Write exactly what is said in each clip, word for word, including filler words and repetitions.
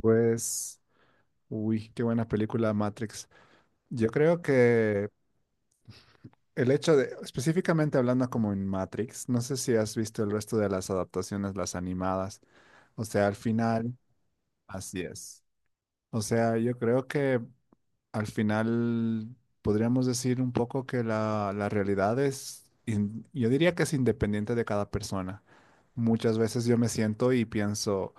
Pues, uy, qué buena película Matrix. Yo creo que el hecho de, específicamente hablando como en Matrix, no sé si has visto el resto de las adaptaciones, las animadas. O sea, al final, así es. O sea, yo creo que al final, podríamos decir un poco que la, la realidad es, in- yo diría que es independiente de cada persona. Muchas veces yo me siento y pienso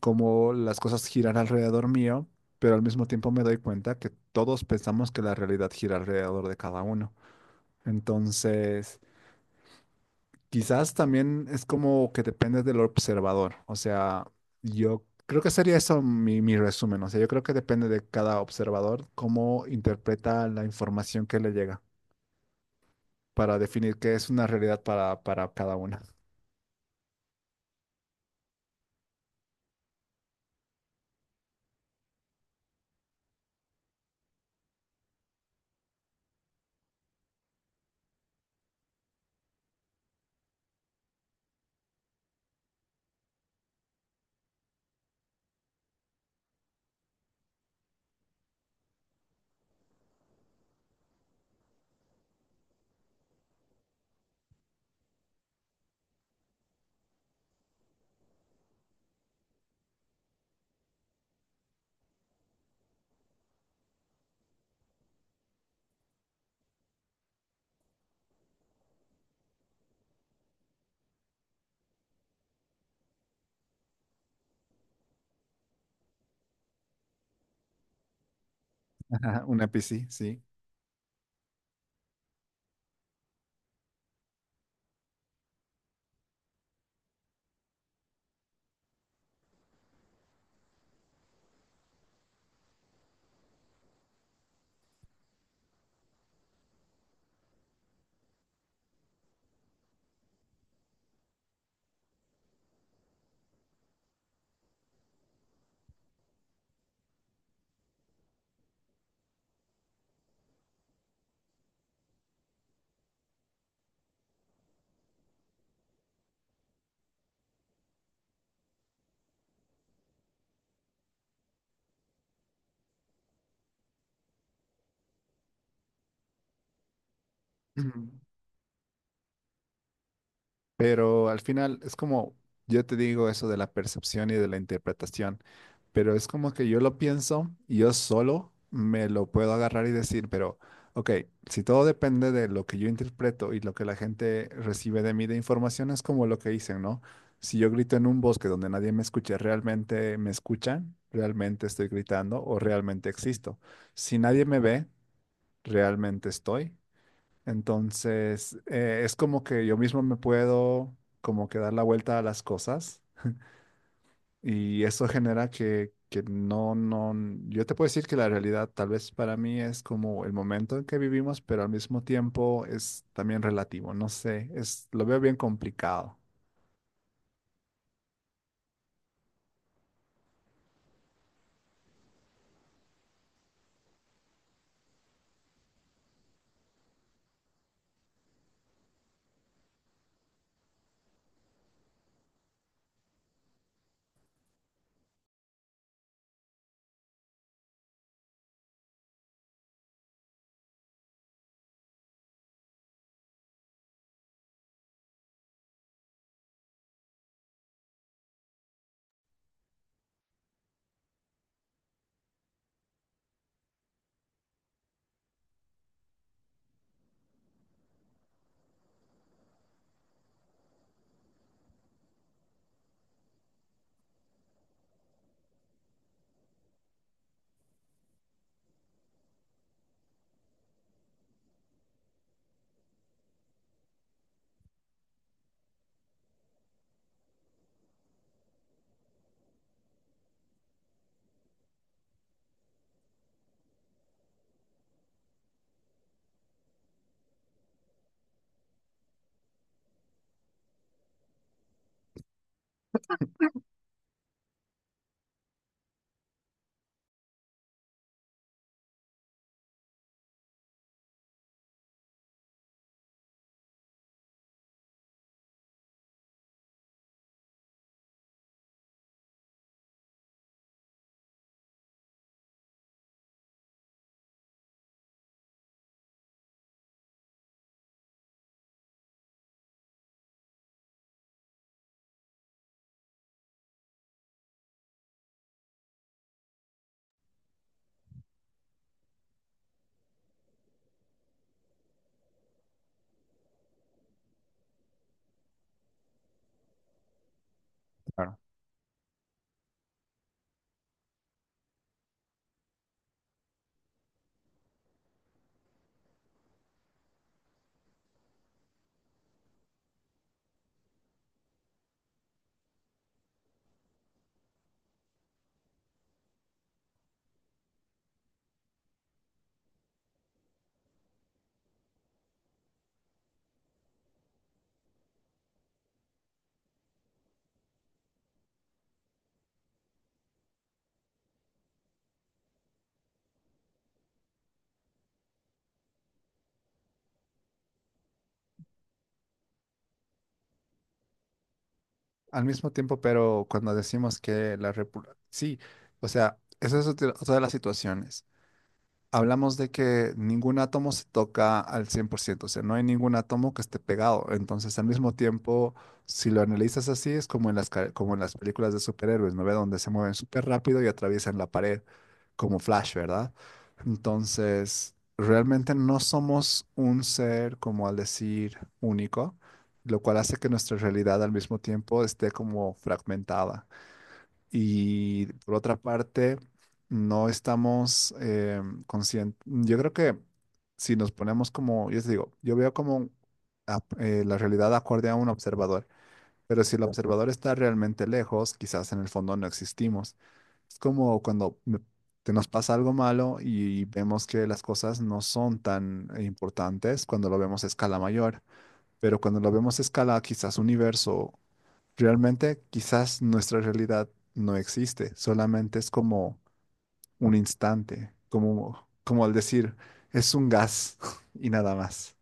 cómo las cosas giran alrededor mío, pero al mismo tiempo me doy cuenta que todos pensamos que la realidad gira alrededor de cada uno. Entonces, quizás también es como que depende del observador. O sea, yo creo que sería eso mi, mi resumen. O sea, yo creo que depende de cada observador cómo interpreta la información que le llega para definir qué es una realidad para, para cada una. Ajá, una P C, sí. Ujú. Pero al final es como yo te digo eso de la percepción y de la interpretación. Pero es como que yo lo pienso y yo solo me lo puedo agarrar y decir, pero, ok, si todo depende de lo que yo interpreto y lo que la gente recibe de mí de información, es como lo que dicen, ¿no? Si yo grito en un bosque donde nadie me escucha, ¿realmente me escuchan? ¿Realmente estoy gritando o realmente existo? Si nadie me ve, ¿realmente estoy? Entonces, eh, es como que yo mismo me puedo como que dar la vuelta a las cosas y eso genera que, que no, no, yo te puedo decir que la realidad tal vez para mí es como el momento en que vivimos, pero al mismo tiempo es también relativo, no sé, es, lo veo bien complicado. Claro. Al mismo tiempo, pero cuando decimos que la república, sí, o sea, esa es otra otra de las situaciones. Hablamos de que ningún átomo se toca al cien por ciento, o sea, no hay ningún átomo que esté pegado. Entonces, al mismo tiempo, si lo analizas así, es como en las, ca- como en las películas de superhéroes, ¿no ve? Donde se mueven súper rápido y atraviesan la pared, como Flash, ¿verdad? Entonces, realmente no somos un ser, como al decir, único, lo cual hace que nuestra realidad al mismo tiempo esté como fragmentada. Y por otra parte, no estamos conscientes. Yo creo que si nos ponemos como, yo te digo, yo veo como a- eh, la realidad acorde a un observador, pero si el observador está realmente lejos, quizás en el fondo no existimos. Es como cuando me- te nos pasa algo malo y vemos que las cosas no son tan importantes cuando lo vemos a escala mayor, pero cuando lo vemos a escala quizás universo, realmente quizás nuestra realidad no existe, solamente es como un instante, como, como al decir, es un gas y nada más.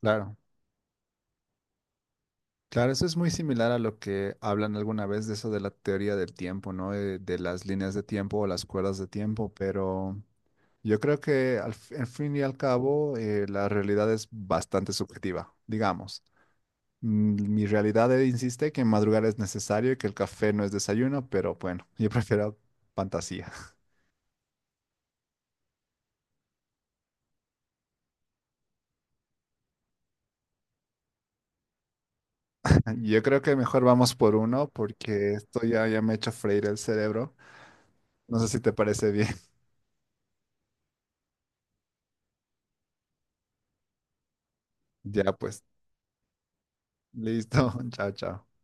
Claro, claro, eso es muy similar a lo que hablan alguna vez de eso de la teoría del tiempo, ¿no? De, de las líneas de tiempo o las cuerdas de tiempo, pero yo creo que al, fi- al fin y al cabo eh, la realidad es bastante subjetiva, digamos. mm, Mi realidad eh, insiste que madrugar es necesario y que el café no es desayuno, pero bueno, yo prefiero fantasía. Yo creo que mejor vamos por uno porque esto ya, ya me ha hecho freír el cerebro. No sé si te parece bien. Ya pues, listo. Chao, chao.